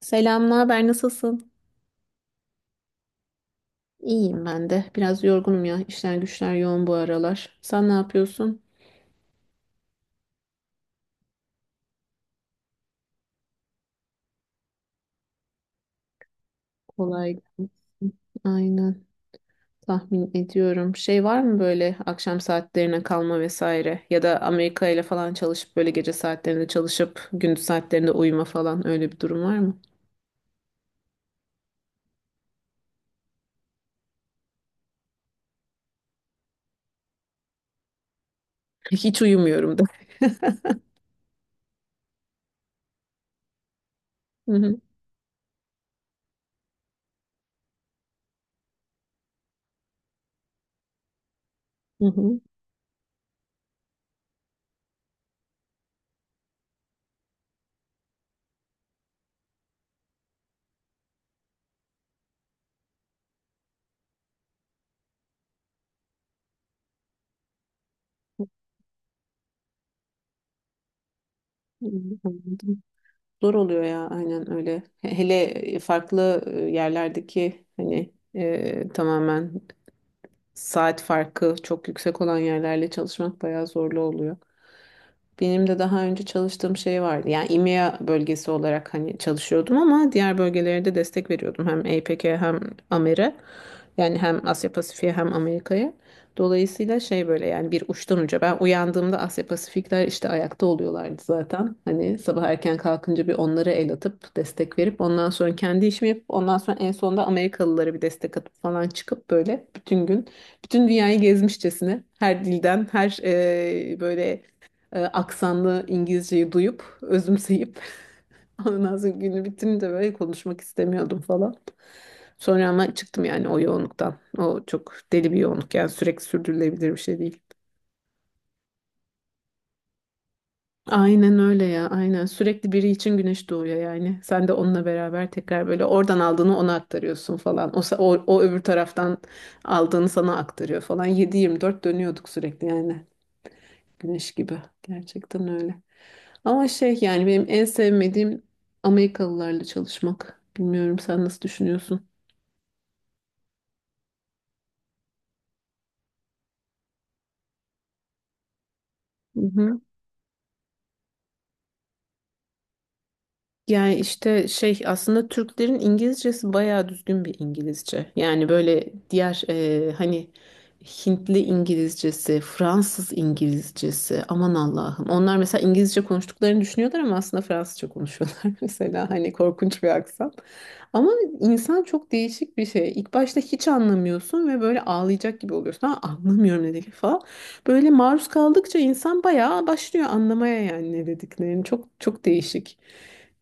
Selam, ne haber? Nasılsın? İyiyim ben de. Biraz yorgunum ya. İşler güçler yoğun bu aralar. Sen ne yapıyorsun? Kolay gelsin. Aynen. Tahmin ediyorum. Şey var mı böyle akşam saatlerine kalma vesaire? Ya da Amerika ile falan çalışıp böyle gece saatlerinde çalışıp gündüz saatlerinde uyuma falan öyle bir durum var mı? Hiç uyumuyorum da. Hı hı. Hı hı. Anladım. Zor oluyor ya aynen öyle. Hele farklı yerlerdeki hani tamamen saat farkı çok yüksek olan yerlerle çalışmak bayağı zorlu oluyor. Benim de daha önce çalıştığım şey vardı. Yani İMEA bölgesi olarak hani çalışıyordum ama diğer bölgelere de destek veriyordum. Hem APEC'e hem AMER'e. Yani hem Asya Pasifik'e hem Amerika'ya. Dolayısıyla şey böyle yani bir uçtan uca. Ben uyandığımda Asya Pasifikler işte ayakta oluyorlardı zaten. Hani sabah erken kalkınca bir onlara el atıp destek verip ondan sonra kendi işimi yapıp ondan sonra en sonunda Amerikalılara bir destek atıp falan çıkıp böyle bütün gün bütün dünyayı gezmişçesine her dilden, her böyle aksanlı İngilizceyi duyup, özümseyip ondan sonra günü bitince böyle konuşmak istemiyordum falan. Sonra ama çıktım yani o yoğunluktan. O çok deli bir yoğunluk yani sürekli sürdürülebilir bir şey değil. Aynen öyle ya aynen sürekli biri için güneş doğuyor yani sen de onunla beraber tekrar böyle oradan aldığını ona aktarıyorsun falan o öbür taraftan aldığını sana aktarıyor falan 7-24 dönüyorduk sürekli yani Güneş gibi. Gerçekten öyle. Ama şey yani benim en sevmediğim Amerikalılarla çalışmak. Bilmiyorum sen nasıl düşünüyorsun? Mhm. Yani işte şey aslında Türklerin İngilizcesi bayağı düzgün bir İngilizce. Yani böyle diğer hani Hintli İngilizcesi, Fransız İngilizcesi aman Allah'ım. Onlar mesela İngilizce konuştuklarını düşünüyorlar ama aslında Fransızca konuşuyorlar mesela hani korkunç bir aksan. Ama insan çok değişik bir şey. İlk başta hiç anlamıyorsun ve böyle ağlayacak gibi oluyorsun. Ha, anlamıyorum ne dedik falan. Böyle maruz kaldıkça insan bayağı başlıyor anlamaya yani ne dediklerini. Çok çok değişik.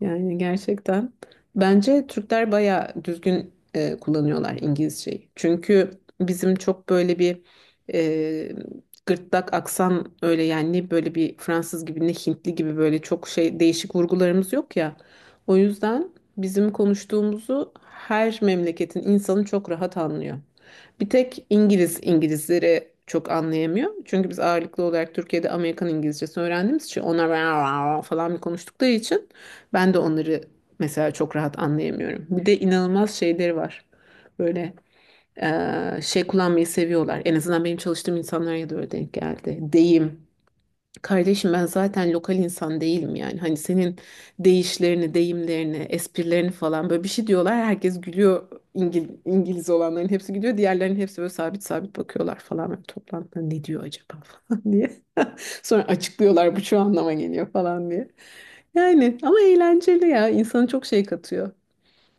Yani gerçekten bence Türkler bayağı düzgün kullanıyorlar İngilizceyi. Çünkü bizim çok böyle bir e, gırtlak aksan öyle yani ne böyle bir Fransız gibi ne Hintli gibi böyle çok şey değişik vurgularımız yok ya. O yüzden bizim konuştuğumuzu her memleketin insanı çok rahat anlıyor. Bir tek İngiliz İngilizleri çok anlayamıyor. Çünkü biz ağırlıklı olarak Türkiye'de Amerikan İngilizcesi öğrendiğimiz için onlar falan bir konuştukları için ben de onları mesela çok rahat anlayamıyorum. Bir de inanılmaz şeyleri var. Böyle şey kullanmayı seviyorlar. En azından benim çalıştığım insanlara da öyle denk geldi. Deyim. Kardeşim ben zaten lokal insan değilim yani. Hani senin deyişlerini, deyimlerini, esprilerini falan böyle bir şey diyorlar. Herkes gülüyor. İngiliz olanların hepsi gülüyor. Diğerlerinin hepsi böyle sabit sabit bakıyorlar falan. Böyle toplantıda ne diyor acaba falan diye. Sonra açıklıyorlar bu şu anlama geliyor falan diye. Yani ama eğlenceli ya. İnsana çok şey katıyor.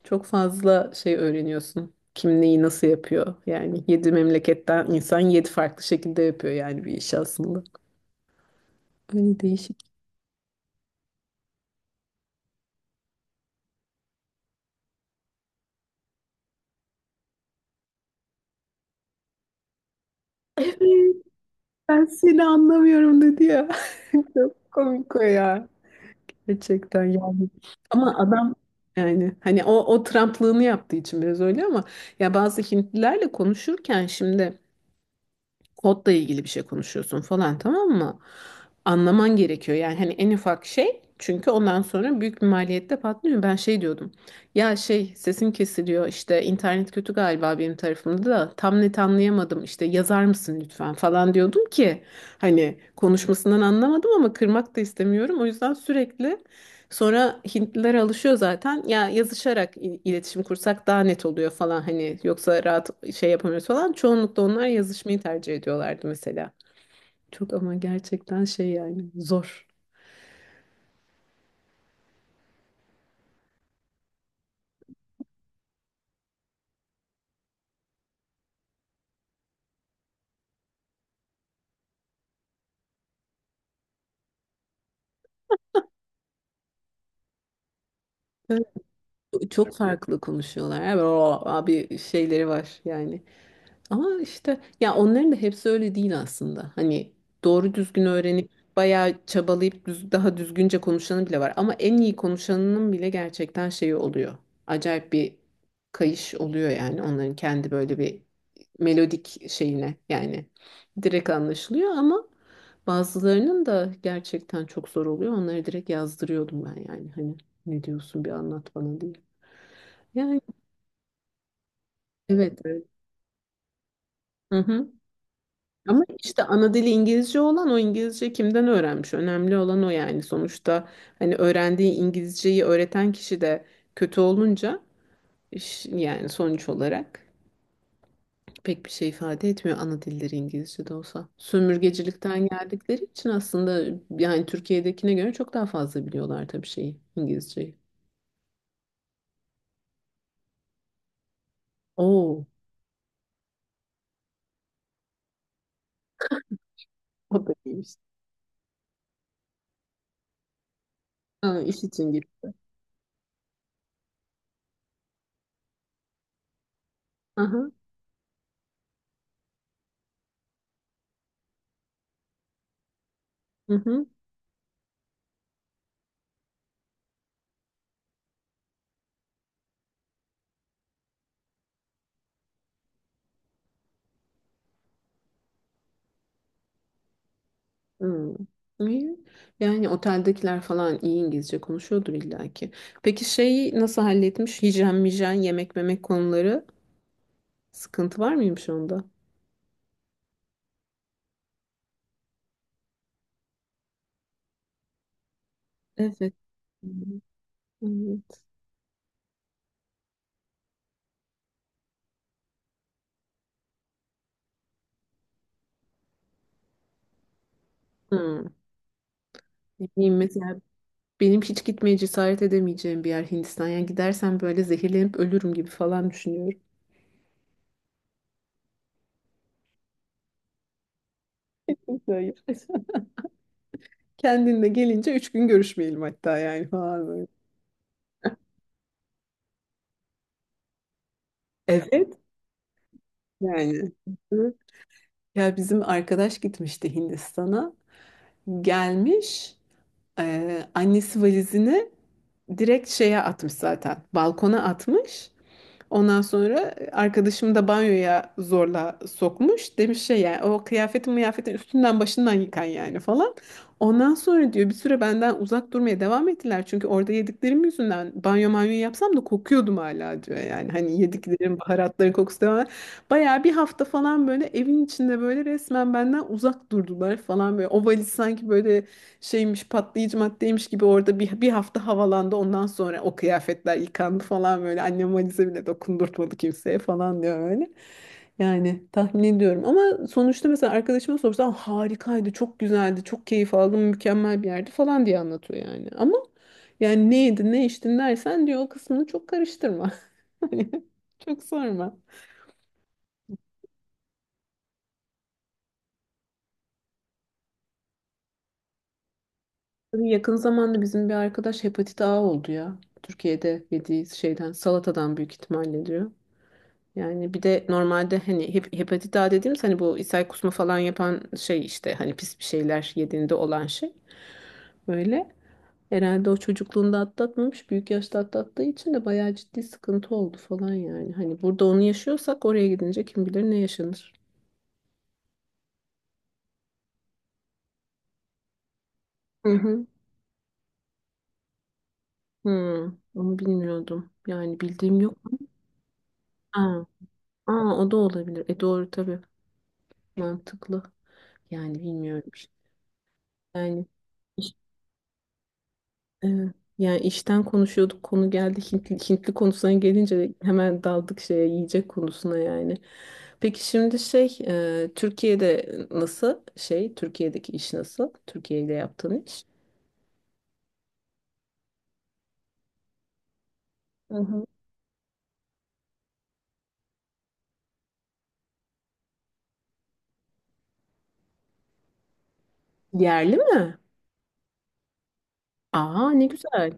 Çok fazla şey öğreniyorsun. Kim neyi nasıl yapıyor? Yani yedi memleketten insan yedi farklı şekilde yapıyor yani bir iş aslında. Öyle değişik. Evet, ben seni anlamıyorum dedi ya. Çok komik o ya. Gerçekten yani. Ama adam yani hani o Trumplığını yaptığı için biraz öyle ama ya bazı Hintlilerle konuşurken şimdi kodla ilgili bir şey konuşuyorsun falan tamam mı? Anlaman gerekiyor yani hani en ufak şey çünkü ondan sonra büyük bir maliyette patlıyor. Ben şey diyordum ya şey sesim kesiliyor işte internet kötü galiba benim tarafımda da tam net anlayamadım işte yazar mısın lütfen falan diyordum ki hani konuşmasından anlamadım ama kırmak da istemiyorum o yüzden sürekli. Sonra Hintliler alışıyor zaten. Ya yazışarak iletişim kursak daha net oluyor falan hani yoksa rahat şey yapamıyoruz falan. Çoğunlukla onlar yazışmayı tercih ediyorlardı mesela. Çok ama gerçekten şey yani zor. Evet, çok farklı konuşuyorlar. Evet, o abi şeyleri var yani. Ama işte ya onların da hepsi öyle değil aslında. Hani doğru düzgün öğrenip bayağı çabalayıp düz, daha düzgünce konuşanı bile var. Ama en iyi konuşanının bile gerçekten şeyi oluyor. Acayip bir kayış oluyor yani onların kendi böyle bir melodik şeyine yani direkt anlaşılıyor ama bazılarının da gerçekten çok zor oluyor. Onları direkt yazdırıyordum ben yani hani ne diyorsun bir anlat bana diye. Yani evet, evet. Hı hı. Ama işte ana dili İngilizce olan o İngilizce kimden öğrenmiş? Önemli olan o yani sonuçta hani öğrendiği İngilizceyi öğreten kişi de kötü olunca yani sonuç olarak pek bir şey ifade etmiyor ana dilleri İngilizce de olsa. Sömürgecilikten geldikleri için aslında yani Türkiye'dekine göre çok daha fazla biliyorlar tabii şeyi İngilizceyi. Oo, o da iyiymiş. Ha, iş için gitti. Aha, hı hı. Hmm, iyi. Yani oteldekiler falan iyi İngilizce konuşuyordur illaki. Peki şeyi nasıl halletmiş? Hijyen, mijen, yemek, memek konuları sıkıntı var mıymış onda? Evet. Hmm. Hmm. Ne bileyim mesela benim hiç gitmeye cesaret edemeyeceğim bir yer Hindistan. Yani gidersem böyle zehirlenip ölürüm gibi falan düşünüyorum. Yok, hayır. Kendinle gelince üç gün görüşmeyelim hatta yani falan böyle. Evet. Yani. Ya bizim arkadaş gitmişti Hindistan'a. Gelmiş, annesi valizini direkt şeye atmış zaten. Balkona atmış. Ondan sonra arkadaşım da banyoya zorla sokmuş. Demiş şey yani o kıyafetin mıyafetin üstünden başından yıkan yani falan. Ondan sonra diyor bir süre benden uzak durmaya devam ettiler. Çünkü orada yediklerim yüzünden banyo manyo yapsam da kokuyordum hala diyor. Yani hani yediklerim baharatların kokusu devam. Bayağı bir hafta falan böyle evin içinde böyle resmen benden uzak durdular falan böyle. O valiz sanki böyle şeymiş patlayıcı maddeymiş gibi orada bir hafta havalandı ondan sonra o kıyafetler yıkandı falan böyle annem valize bile dokundurtmadı kimseye falan diyor öyle. Yani tahmin ediyorum ama sonuçta mesela arkadaşıma sorsam harikaydı çok güzeldi çok keyif aldım mükemmel bir yerdi falan diye anlatıyor yani ama yani ne yedin ne içtin dersen diyor o kısmını çok karıştırma. Hani çok sorma. Tabii. Yakın zamanda bizim bir arkadaş hepatit A oldu ya Türkiye'de yediği şeyden salatadan büyük ihtimalle diyor. Yani bir de normalde hani hepatit A dediğimiz hani bu ishal kusma falan yapan şey işte hani pis bir şeyler yediğinde olan şey. Böyle herhalde o çocukluğunda atlatmamış büyük yaşta atlattığı için de bayağı ciddi sıkıntı oldu falan yani. Hani burada onu yaşıyorsak oraya gidince kim bilir ne yaşanır. Hı hı. Hı, onu bilmiyordum. Yani bildiğim yok. Ha, aa, o da olabilir. E doğru tabii mantıklı. Yani bilmiyorum işte. Yani evet. Yani işten konuşuyorduk konu geldi Hintli konusuna gelince hemen daldık şeye yiyecek konusuna yani. Peki şimdi şey Türkiye'de nasıl şey Türkiye'deki iş nasıl? Türkiye ile yaptığın iş. Hı hı. Yerli mi? Aa ne güzel.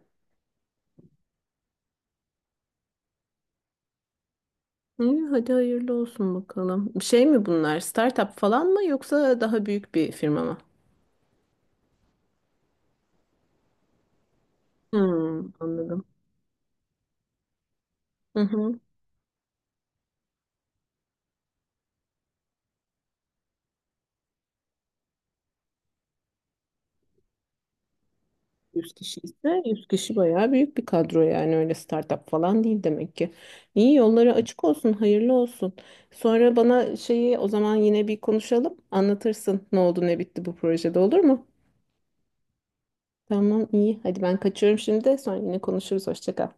Hı, hadi hayırlı olsun bakalım. Şey mi bunlar startup falan mı yoksa daha büyük bir firma mı? Hmm, anladım. 100 kişi ise 100 kişi bayağı büyük bir kadro yani öyle startup falan değil demek ki. İyi yolları açık olsun, hayırlı olsun. Sonra bana şeyi o zaman yine bir konuşalım. Anlatırsın ne oldu ne bitti bu projede olur mu? Tamam iyi. Hadi ben kaçıyorum şimdi. Sonra yine konuşuruz. Hoşça kal.